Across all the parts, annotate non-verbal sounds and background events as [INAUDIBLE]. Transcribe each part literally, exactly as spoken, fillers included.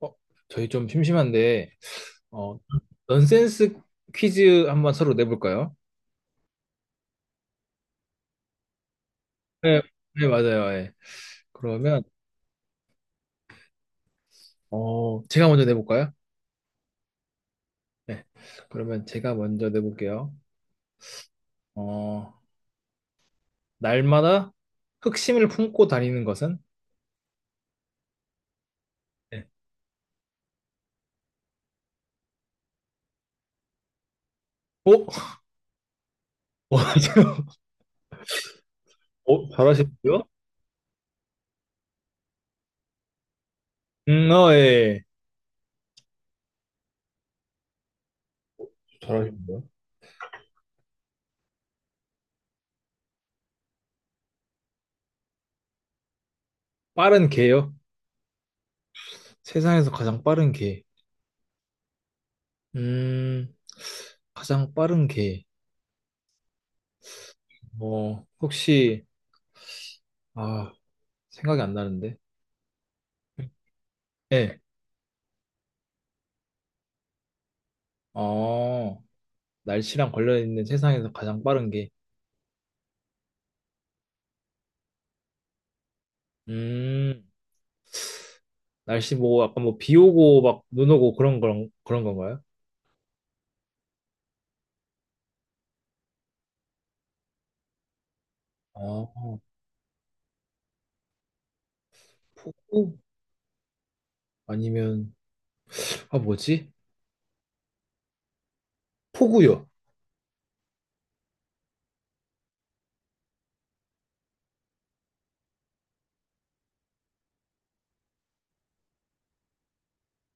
어, 저희 좀 심심한데, 어, 넌센스 퀴즈 한번 서로 내볼까요? 네, 네, 맞아요. 예. 그러면, 어, 제가 먼저 내볼까요? 네. 그러면 제가 먼저 내볼게요. 어, 날마다 흑심을 품고 다니는 것은? 네. 오? [LAUGHS] 어, 지금- 어, 잘하시는데요? 음, 어, 예. 잘하시는데요? 빠른 개요? 세상에서 가장 빠른 개. 음, 가장 빠른 개. 어, 혹시, 아, 생각이 안 나는데. 예. 어, 날씨랑 관련있는 세상에서 가장 빠른 게, 음, 날씨 뭐, 약간 뭐, 비 오고 막, 눈 오고 그런, 그런, 그런 건가요? 어, 폭우? 아니면, 아, 뭐지? 폭우요.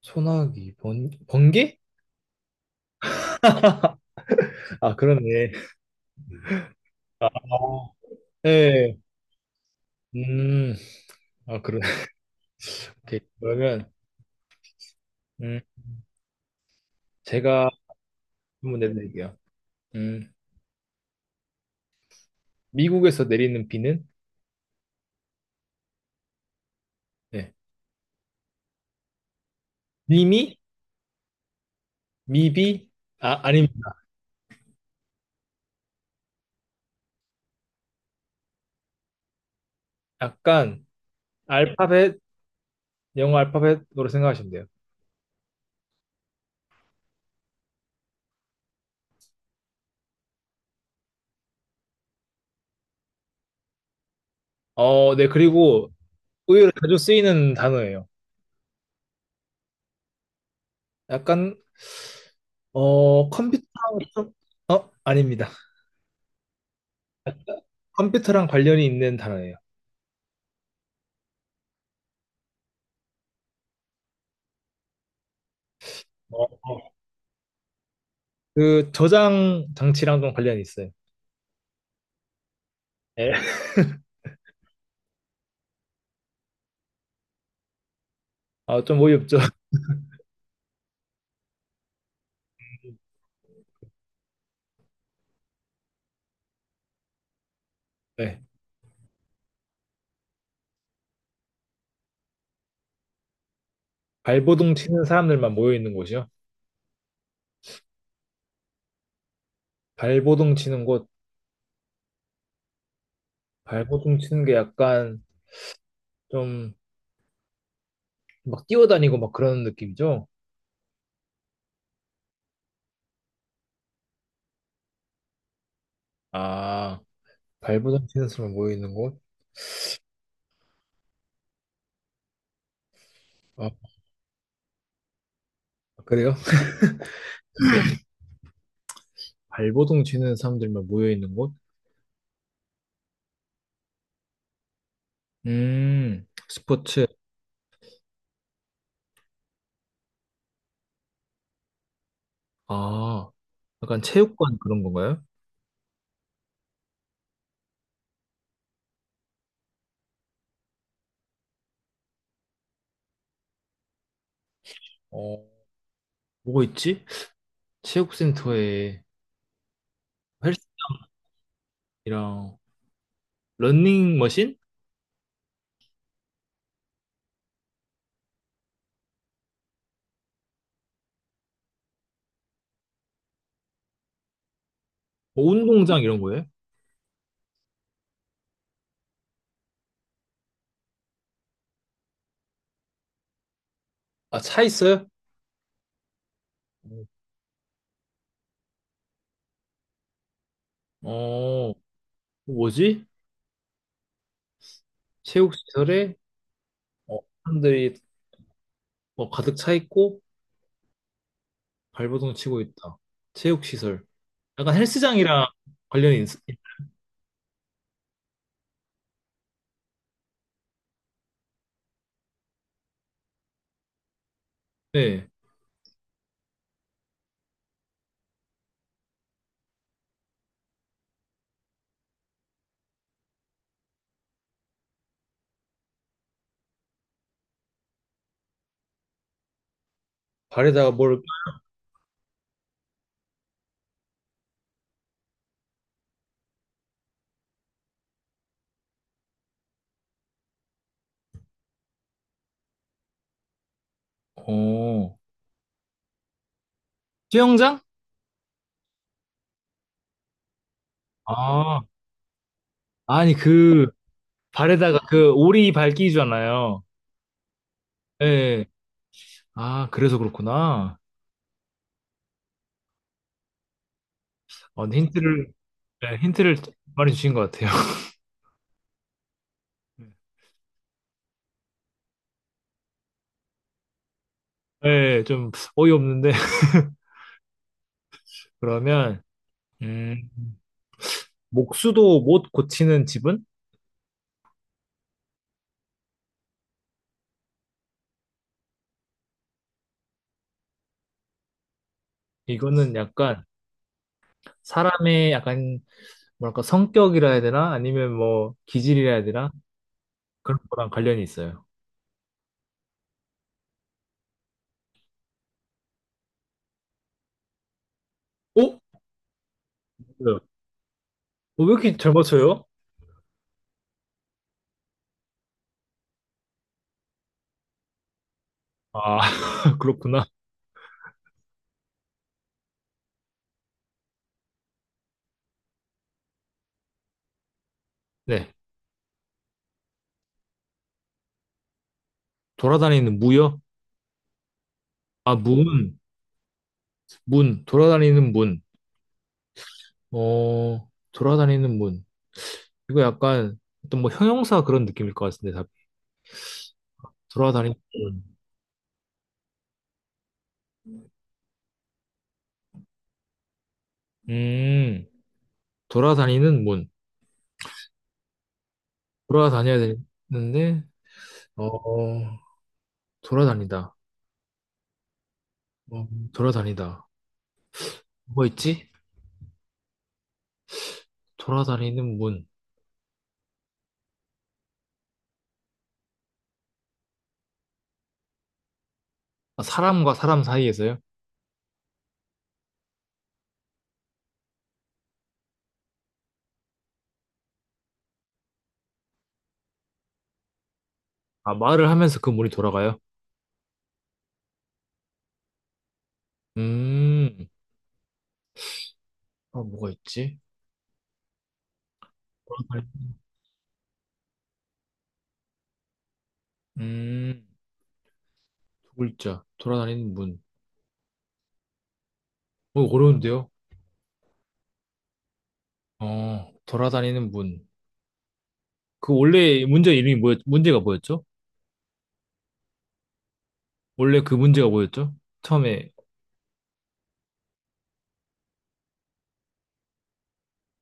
소나기, 번, 번개? 아, 그러네. 아, 예. 음, 아, 그러네. 오케이. 그러면, 음, 제가 한번 내드릴게요. 음, 미국에서 내리는 비는, 네. 미미? 미비? 아, 아닙니다. 약간, 알파벳, 영어 알파벳으로 생각하시면 돼요. 어, 네, 그리고 의외로 자주 쓰이는 단어예요. 약간, 어, 컴퓨터랑, 좀- 어, 아닙니다. 컴퓨터랑 관련이 있는 단어예요. 어, 어. 그 저장 장치랑 좀 관련이 있어요. 네. 아, 좀 어이없죠. [LAUGHS] 네. 발버둥 치는 사람들만 모여 있는 곳이요. 발버둥 치는 곳, 발버둥 치는 게 약간 좀 막 뛰어다니고 막 그런 느낌이죠. 아, 발버둥 치는 사람만 모여 있는 곳. 아, 그래요? 발버둥 치는 사람들만 모여 있는 곳? 음, 스포츠. 아, 약간 체육관 그런 건가요? 어, 뭐가 있지? 체육센터에 헬스랑 러닝머신? 뭐 운동장 이런 거예요? 아, 차 있어요? 어, 뭐지? 체육시설에 어, 사람들이 뭐 가득 차 있고 발버둥 치고 있다. 체육시설. 약간 헬스장이랑 관련이 있, 네. 발에다가 뭘, 어, 수영장? 아, 아니 그 발에다가 그 오리 발끼잖아요. 예. 예. 아 그래서 그렇구나. 어, 근데 힌트를 예, 힌트를 많이 주신 것 같아요. [LAUGHS] 예, 좀 어이없는데 [LAUGHS] 그러면 음, 목수도 못 고치는 집은? 이거는 약간 사람의 약간 뭐랄까 성격이라 해야 되나? 아니면 뭐 기질이라 해야 되나? 그런 거랑 관련이 있어요. 어? 어, 왜 이렇게 잘 맞춰요? 아 [LAUGHS] 그렇구나. 네 돌아다니는 무요? 아무 무는 문, 돌아다니는 문. 어, 돌아다니는 문. 이거 약간 어떤 뭐 형용사 그런 느낌일 것 같은데, 답이. 돌아다니는 문. 음, 돌아다니는 문. 돌아다녀야 되는데, 어, 돌아다니다. 어, 돌아다니다. 뭐 있지? 돌아다니는 문. 아, 사람과 사람 사이에서요? 아, 말을 하면서 그 문이 돌아가요? 음, 아, 뭐가 있지? 돌아다니, 음, 두 글자. 돌아다니는 문. 어, 어려운데요? 어, 돌아다니는 문. 그 원래 문제 이름이 뭐였, 문제가 뭐였죠? 원래 그 문제가 뭐였죠? 처음에,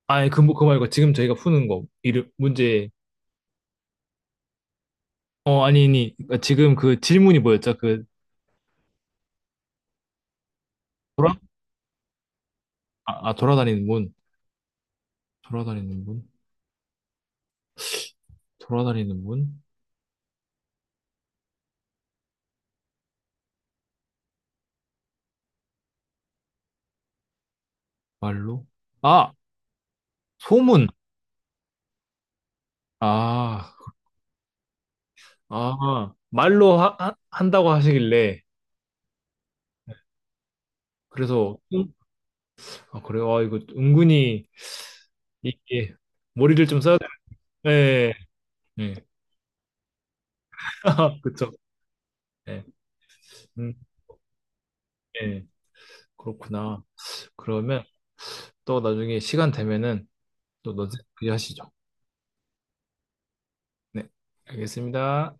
아니, 그, 뭐- 그거 말고 지금 저희가 푸는 거, 이름, 문제, 어, 아니, 아니, 그러니까 지금 그 질문이 뭐였죠? 그, 돌아, 아, 아, 돌아다니는 문. 돌아다니는 문? 돌아다니는 문? 말로? 아, 소문! 아, 아, 말로 하, 하- 한다고 하시길래, 그래서, 음, 아, 그래요? 아, 이거 은근히, 이게, 머리를 좀 써야 돼. 네, 네. [LAUGHS] 그쵸. 네. 음, 네. 그렇구나. 그러면 또 나중에 시간 되면은 또 논센스 하시죠. 네, 알겠습니다.